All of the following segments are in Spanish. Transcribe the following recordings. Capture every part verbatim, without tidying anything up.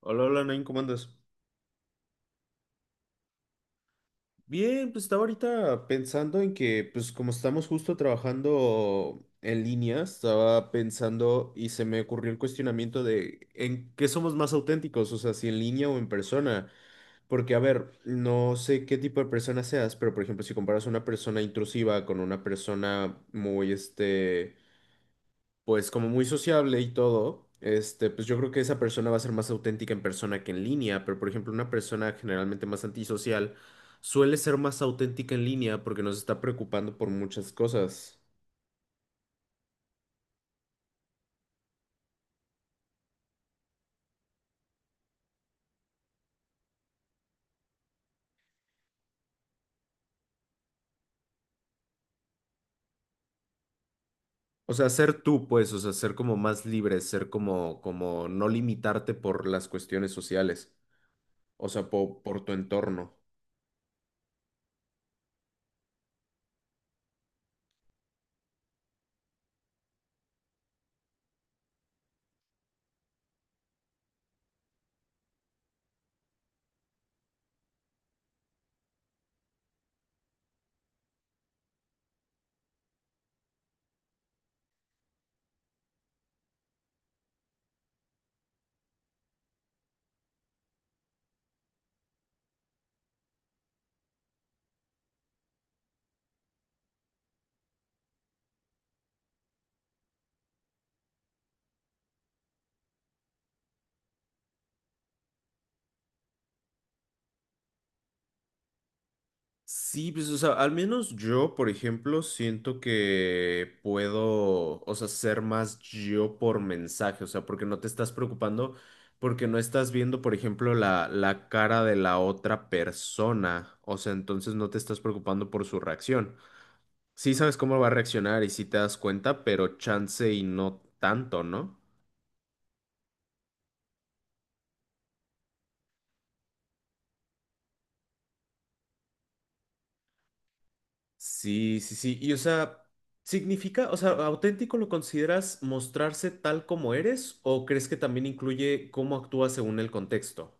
Hola, hola, Nain, ¿cómo andas? Bien, pues estaba ahorita pensando en que, pues como estamos justo trabajando en línea, estaba pensando y se me ocurrió el cuestionamiento de en qué somos más auténticos, o sea, si en línea o en persona. Porque, a ver, no sé qué tipo de persona seas, pero por ejemplo, si comparas una persona intrusiva con una persona muy, este, pues como muy sociable y todo, este, pues yo creo que esa persona va a ser más auténtica en persona que en línea, pero por ejemplo una persona generalmente más antisocial suele ser más auténtica en línea porque nos está preocupando por muchas cosas. O sea, ser tú, pues, o sea, ser como más libre, ser como, como no limitarte por las cuestiones sociales, o sea, po- por tu entorno. Sí, pues, o sea, al menos yo, por ejemplo, siento que puedo, o sea, ser más yo por mensaje, o sea, porque no te estás preocupando, porque no estás viendo, por ejemplo, la, la cara de la otra persona, o sea, entonces no te estás preocupando por su reacción. Sí sabes cómo va a reaccionar y sí te das cuenta, pero chance y no tanto, ¿no? Sí, sí, sí. Y o sea, ¿significa, o sea, auténtico lo consideras mostrarse tal como eres o crees que también incluye cómo actúas según el contexto?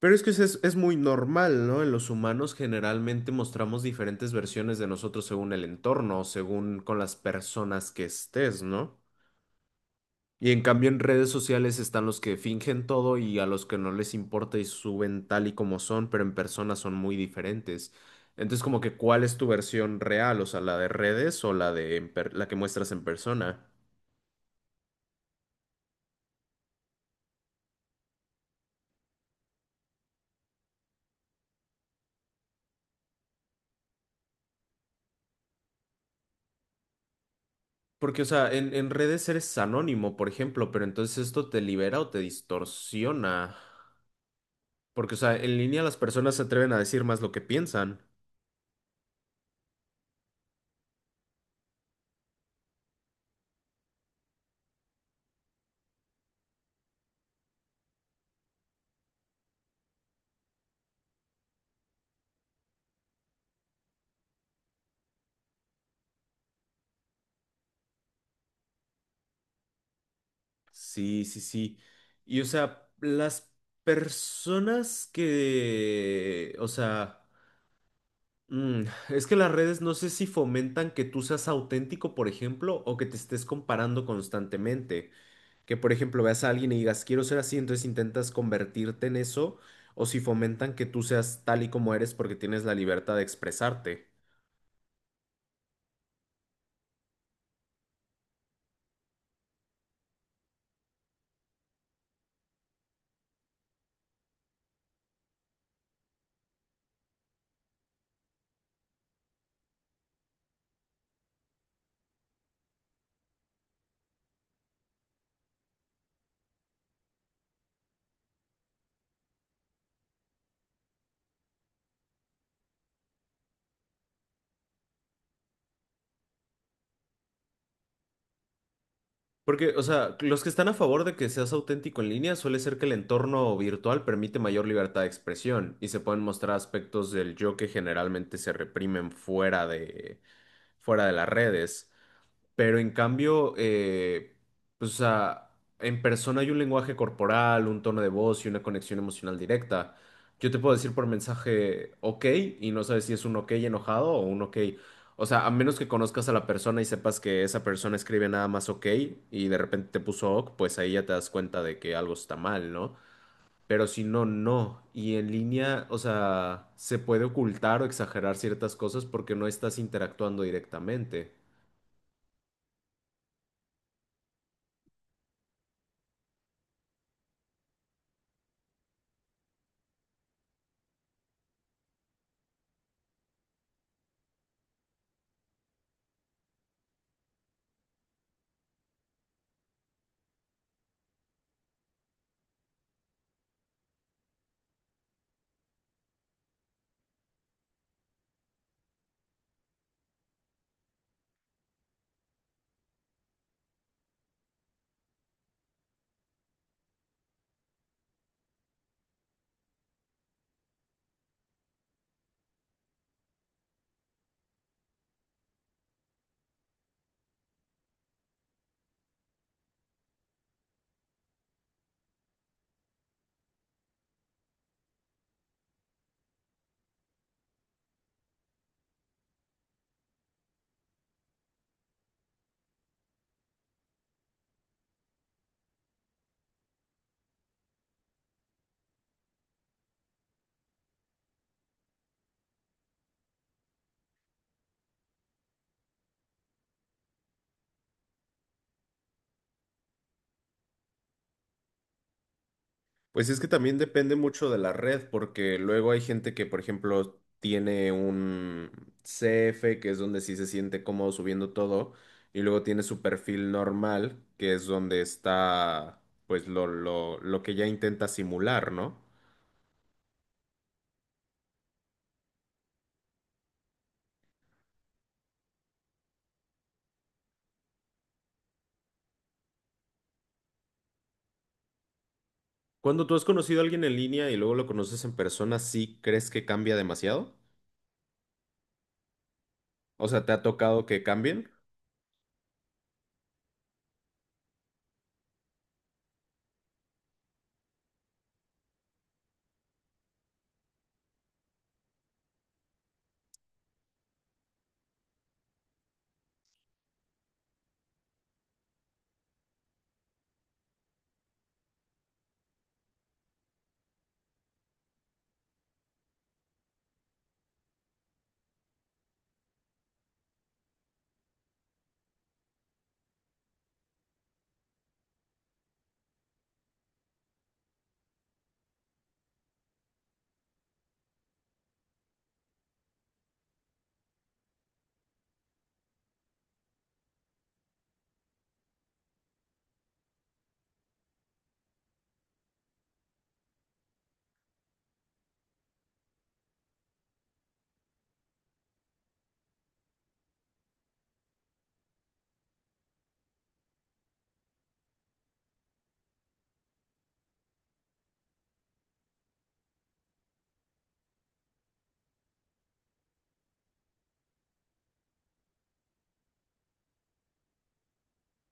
Pero es que es, es muy normal, ¿no? En los humanos generalmente mostramos diferentes versiones de nosotros según el entorno, según con las personas que estés, ¿no? Y en cambio en redes sociales están los que fingen todo y a los que no les importa y suben tal y como son, pero en persona son muy diferentes. Entonces como que ¿cuál es tu versión real? O sea, la de redes o la de en per- la que muestras en persona. Porque, o sea, en, en redes eres anónimo, por ejemplo, pero entonces esto te libera o te distorsiona. Porque, o sea, en línea las personas se atreven a decir más lo que piensan. Sí, sí, sí. Y, o sea, las personas que, o sea... Mm, es que las redes no sé si fomentan que tú seas auténtico, por ejemplo, o que te estés comparando constantemente. Que, por ejemplo, veas a alguien y digas, quiero ser así, entonces intentas convertirte en eso, o si fomentan que tú seas tal y como eres porque tienes la libertad de expresarte. Porque, o sea, los que están a favor de que seas auténtico en línea suele ser que el entorno virtual permite mayor libertad de expresión y se pueden mostrar aspectos del yo que generalmente se reprimen fuera de, fuera de las redes. Pero en cambio, eh, pues, o sea, en persona hay un lenguaje corporal, un tono de voz y una conexión emocional directa. Yo te puedo decir por mensaje ok y no sabes si es un ok enojado o un ok. O sea, a menos que conozcas a la persona y sepas que esa persona escribe nada más ok y de repente te puso ok, pues ahí ya te das cuenta de que algo está mal, ¿no? Pero si no, no. Y en línea, o sea, se puede ocultar o exagerar ciertas cosas porque no estás interactuando directamente. Pues es que también depende mucho de la red, porque luego hay gente que, por ejemplo, tiene un C F, que es donde sí se siente cómodo subiendo todo, y luego tiene su perfil normal, que es donde está, pues, lo, lo, lo que ya intenta simular, ¿no? Cuando tú has conocido a alguien en línea y luego lo conoces en persona, ¿sí crees que cambia demasiado? O sea, ¿te ha tocado que cambien?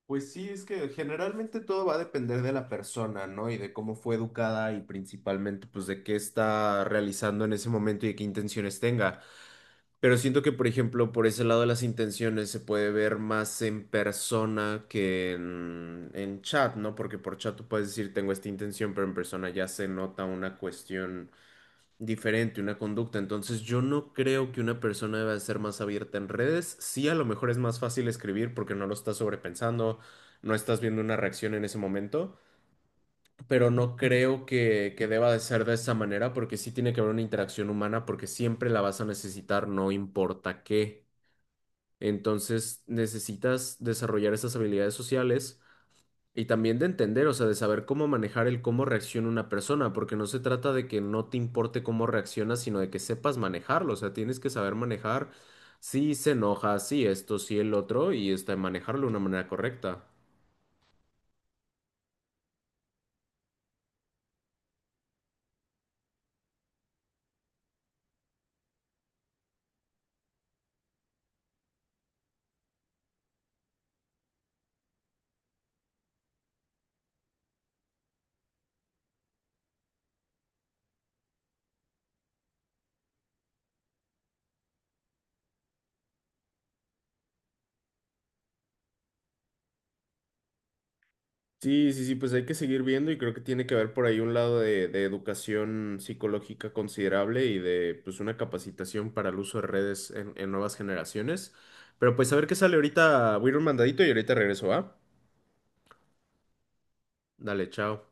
Pues sí, es que generalmente todo va a depender de la persona, ¿no? Y de cómo fue educada y principalmente, pues, de qué está realizando en ese momento y de qué intenciones tenga. Pero siento que, por ejemplo, por ese lado de las intenciones se puede ver más en persona que en, en chat, ¿no? Porque por chat tú puedes decir, tengo esta intención, pero en persona ya se nota una cuestión diferente, una conducta. Entonces yo no creo que una persona deba ser más abierta en redes. Sí, a lo mejor es más fácil escribir porque no lo estás sobrepensando, no estás viendo una reacción en ese momento, pero no creo que, que deba de ser de esa manera porque sí tiene que haber una interacción humana porque siempre la vas a necesitar, no importa qué. Entonces necesitas desarrollar esas habilidades sociales y también de entender, o sea, de saber cómo manejar el cómo reacciona una persona, porque no se trata de que no te importe cómo reaccionas, sino de que sepas manejarlo, o sea, tienes que saber manejar si se enoja, si esto, si el otro, y este, manejarlo de una manera correcta. Sí, sí, sí, pues hay que seguir viendo y creo que tiene que haber por ahí un lado de, de educación psicológica considerable y de pues una capacitación para el uso de redes en, en nuevas generaciones. Pero pues a ver qué sale ahorita, voy a ir un mandadito y ahorita regreso, ¿va? Dale, chao.